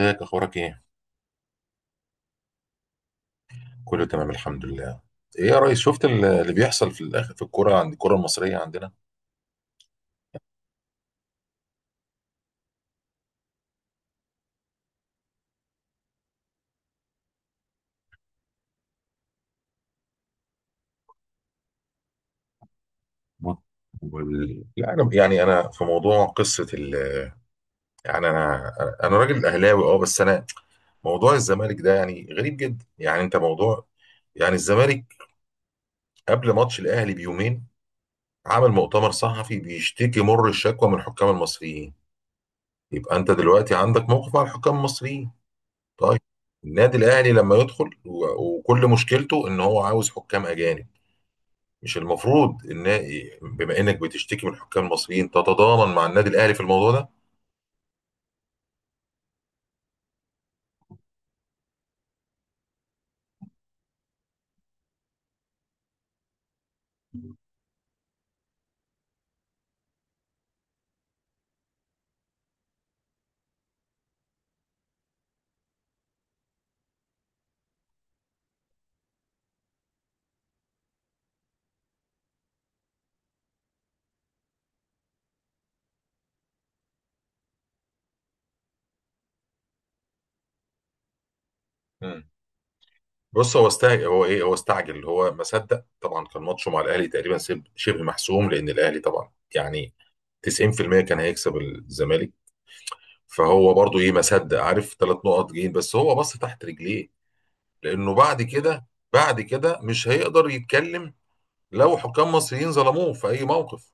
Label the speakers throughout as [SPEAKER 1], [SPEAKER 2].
[SPEAKER 1] ازيك؟ اخبارك ايه؟ كله تمام، الحمد لله. ايه يا ريس، شفت اللي بيحصل في الاخر في الكوره، عند الكوره المصريه عندنا؟ بص، لا، انا يعني في موضوع قصه يعني انا راجل اهلاوي، اه، بس انا، موضوع الزمالك ده يعني غريب جدا، يعني انت موضوع، يعني الزمالك قبل ماتش الاهلي بيومين عمل مؤتمر صحفي بيشتكي مر الشكوى من الحكام المصريين. يبقى انت دلوقتي عندك موقف مع الحكام المصريين. طيب، النادي الاهلي لما يدخل و- وكل مشكلته ان هو عاوز حكام اجانب، مش المفروض ان، بما انك بتشتكي من الحكام المصريين، تتضامن مع النادي الاهلي في الموضوع ده؟ مم. بص، هو استعجل، هو ما صدق طبعا، كان ماتشه مع الاهلي تقريبا شبه محسوم، لان الاهلي طبعا يعني 90% كان هيكسب الزمالك. فهو برضو ايه، ما صدق، عارف 3 نقط جايين، بس هو بص تحت رجليه، لانه بعد كده، مش هيقدر يتكلم لو حكام مصريين ظلموه في اي موقف.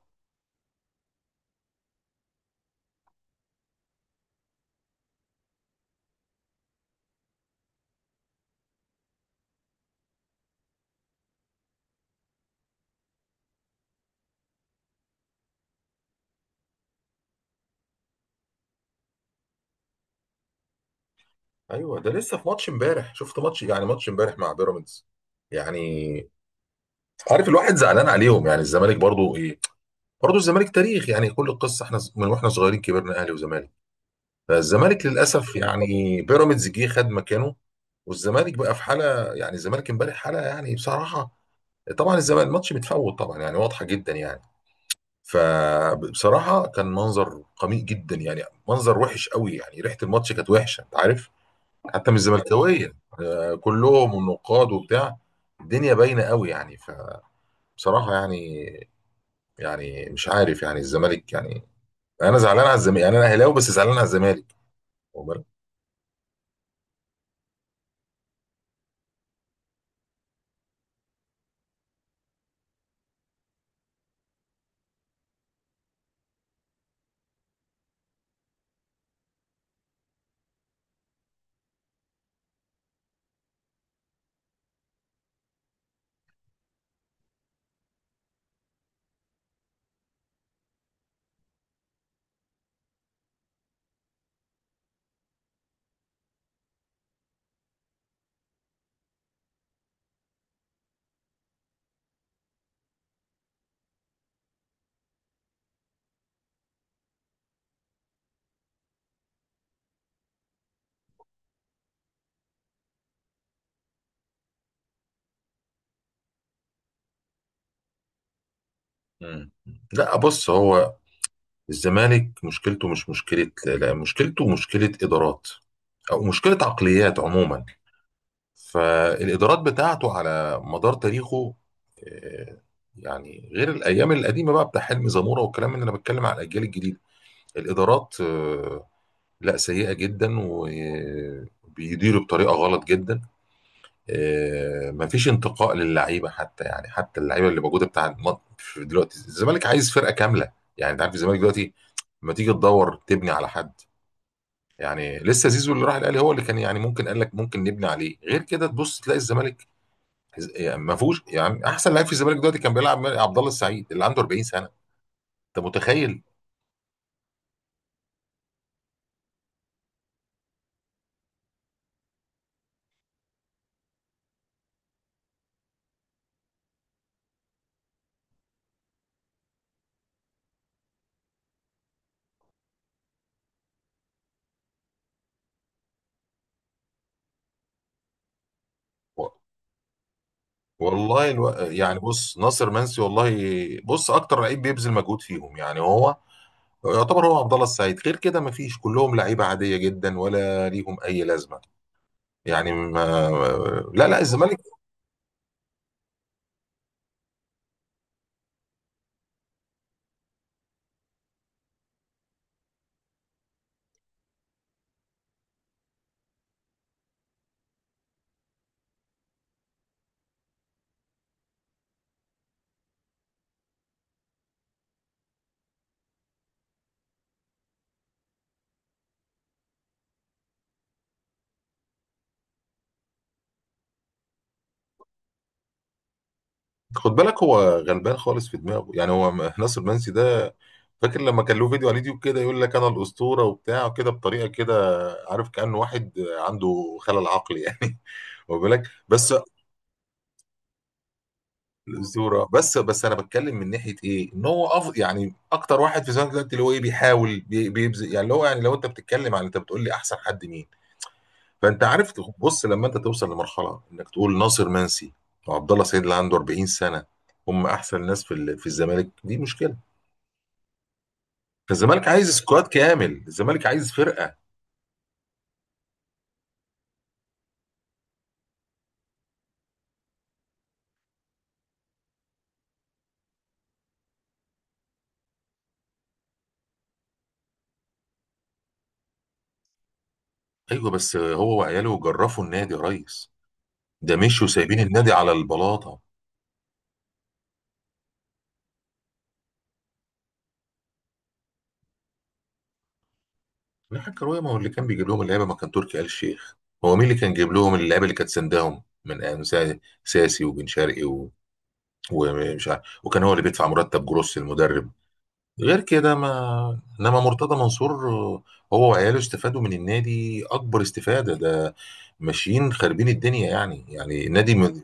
[SPEAKER 1] ايوه، ده لسه في ماتش امبارح، شفت ماتش، يعني ماتش امبارح مع بيراميدز، يعني عارف، الواحد زعلان عليهم، يعني الزمالك برضو ايه، برضو الزمالك تاريخ يعني، كل القصه احنا من واحنا صغيرين كبرنا اهلي وزمالك. فالزمالك للاسف، يعني بيراميدز جه خد مكانه، والزمالك بقى في حاله، يعني الزمالك امبارح حاله يعني بصراحه، طبعا الزمالك الماتش متفوت طبعا يعني، واضحه جدا يعني، فبصراحه كان منظر قميء جدا يعني، منظر وحش قوي يعني، ريحه الماتش كانت وحشه، انت عارف، حتى مش زملكاويه. آه، كلهم والنقاد وبتاع، الدنيا باينه قوي يعني، فبصراحه يعني، مش عارف يعني الزمالك يعني، انا زعلان على الزمالك، يعني انا اهلاوي بس زعلان على الزمالك. واخد بالك؟ مم. لا بص، هو الزمالك مشكلته مش مشكله، لا مشكلته مشكله ادارات، او مشكله عقليات عموما، فالادارات بتاعته على مدار تاريخه، آه، يعني غير الايام القديمه بقى بتاع حلمي زموره والكلام، اللي انا بتكلم على الاجيال الجديده، الادارات لا سيئه جدا، وبيديروا بطريقه غلط جدا. مفيش انتقاء للعيبه حتى، يعني حتى اللعيبه اللي موجوده بتاع في دلوقتي، الزمالك عايز فرقه كامله. يعني انت عارف الزمالك دلوقتي، ما تيجي تدور تبني على حد، يعني لسه زيزو اللي راح الاهلي هو اللي كان يعني ممكن، قال لك ممكن نبني عليه، غير كده تبص تلاقي الزمالك، يعني ما فيهوش، يعني احسن لعيب في الزمالك دلوقتي كان بيلعب عبد الله السعيد، اللي عنده 40 سنه. انت متخيل؟ والله، يعني بص ناصر منسي والله. بص، اكتر لعيب بيبذل مجهود فيهم يعني هو، يعتبر هو عبد الله السعيد، غير كده مفيش، كلهم لعيبه عاديه جدا، ولا ليهم اي لازمه. يعني ما... لا، لا، الزمالك، خد بالك هو غلبان خالص في دماغه، يعني ناصر منسي ده فاكر لما كان له فيديو على اليوتيوب كده، يقول لك انا الاسطوره وبتاع كده بطريقه كده، عارف كانه واحد عنده خلل عقلي يعني. خد بالك. بس، الاسطوره، بس انا بتكلم من ناحيه ايه، ان هو يعني اكتر واحد في زمانك دلوقتي اللي هو ايه بيحاول بيبذل يعني، اللي هو يعني لو انت بتتكلم عن، انت بتقول لي احسن حد مين؟ فانت عارف بص، لما انت توصل لمرحله انك تقول ناصر منسي وعبد الله سعيد اللي عنده 40 سنه هم احسن ناس في في الزمالك، دي مشكله. فالزمالك عايز سكواد كامل، الزمالك عايز فرقه. ايوه، بس هو وعياله جرفوا النادي يا ريس، ده مشوا سايبين النادي على البلاطه. لا كروية، ما هو اللي كان بيجيب لهم اللعيبة ما كان تركي آل الشيخ؟ هو مين اللي كان جايب لهم اللعيبة اللي كانت سندهم من أيام ساسي وبن شرقي ومش عارف، وكان هو اللي بيدفع مرتب جروس المدرب غير كده، ما، انما مرتضى منصور، هو وعياله استفادوا من النادي اكبر استفاده، ده ماشيين خاربين الدنيا يعني، يعني النادي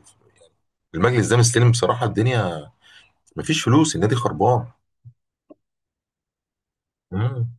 [SPEAKER 1] المجلس ده مستلم بصراحه الدنيا، مفيش فلوس، النادي خربان. مم.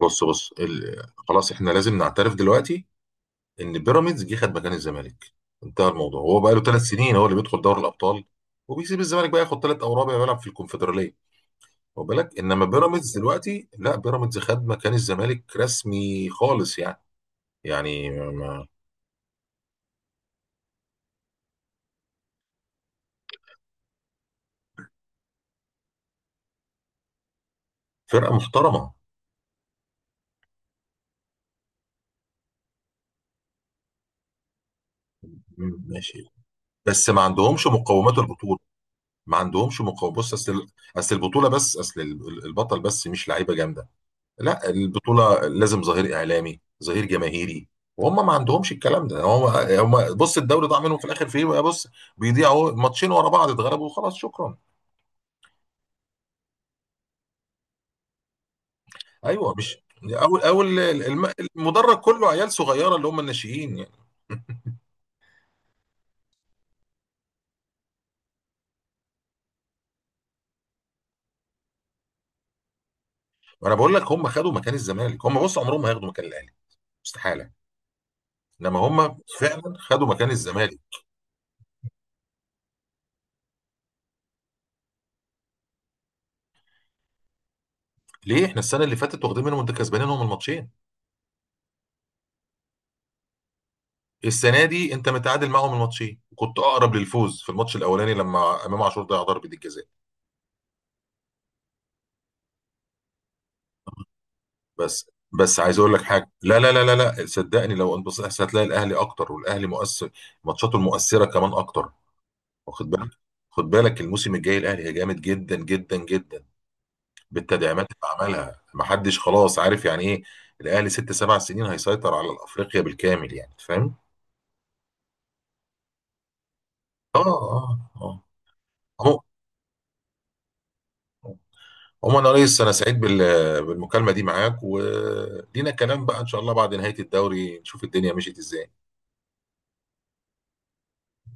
[SPEAKER 1] بص خلاص، احنا لازم نعترف دلوقتي ان بيراميدز جه خد مكان الزمالك، انتهى الموضوع، هو بقى له 3 سنين هو اللي بيدخل دوري الابطال، وبيسيب الزمالك بقى ياخد ثلاث او رابع يلعب في الكونفدراليه. واخد بالك؟ انما بيراميدز دلوقتي، لا، بيراميدز خد مكان الزمالك رسمي خالص يعني، يعني ما- فرقه محترمه. مم، ماشي، بس ما عندهمش مقومات البطوله، ما عندهمش مقومات، بص، اصل البطوله، بس اصل البطل، بس مش لعيبه جامده. لا، البطولة لازم ظهير إعلامي، ظهير جماهيري، وهم ما عندهمش الكلام ده. هم بص، الدوري ضاع منهم في الآخر في إيه، بص، بيضيعوا ماتشين ورا بعض، اتغلبوا وخلاص، شكرا. أيوه، مش أول المدرج كله عيال صغيرة، اللي هم الناشئين يعني. وأنا بقول لك، هم خدوا مكان الزمالك، هم بص عمرهم ما هياخدوا مكان الأهلي، استحالة. إنما هم فعلا خدوا مكان الزمالك. ليه؟ احنا السنة اللي فاتت واخدين منهم، انت كسبانينهم الماتشين، السنة دي انت متعادل معاهم الماتشين، كنت اقرب للفوز في الماتش الاولاني لما امام عاشور ضيع ضربة الجزاء. بس بس عايز اقول لك حاجه، لا، لا، لا، لا، لا، صدقني لو انبسطت، هتلاقي الاهلي اكتر، والاهلي مؤثر ماتشاته المؤثره كمان اكتر. واخد بالك؟ خد بالك الموسم الجاي الاهلي جامد جدا جدا جدا، بالتدعيمات اللي عملها محدش خلاص عارف يعني ايه. الاهلي 6 7 سنين هيسيطر على افريقيا بالكامل يعني، فاهم؟ اه، اه، اه. عمو- عموما يا ريس، انا سعيد بالمكالمه دي معاك، ولينا كلام بقى ان شاء الله بعد نهايه الدوري نشوف الدنيا مشيت ازاي.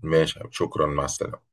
[SPEAKER 1] ماشي يا حبيبي، شكرا، مع السلامه.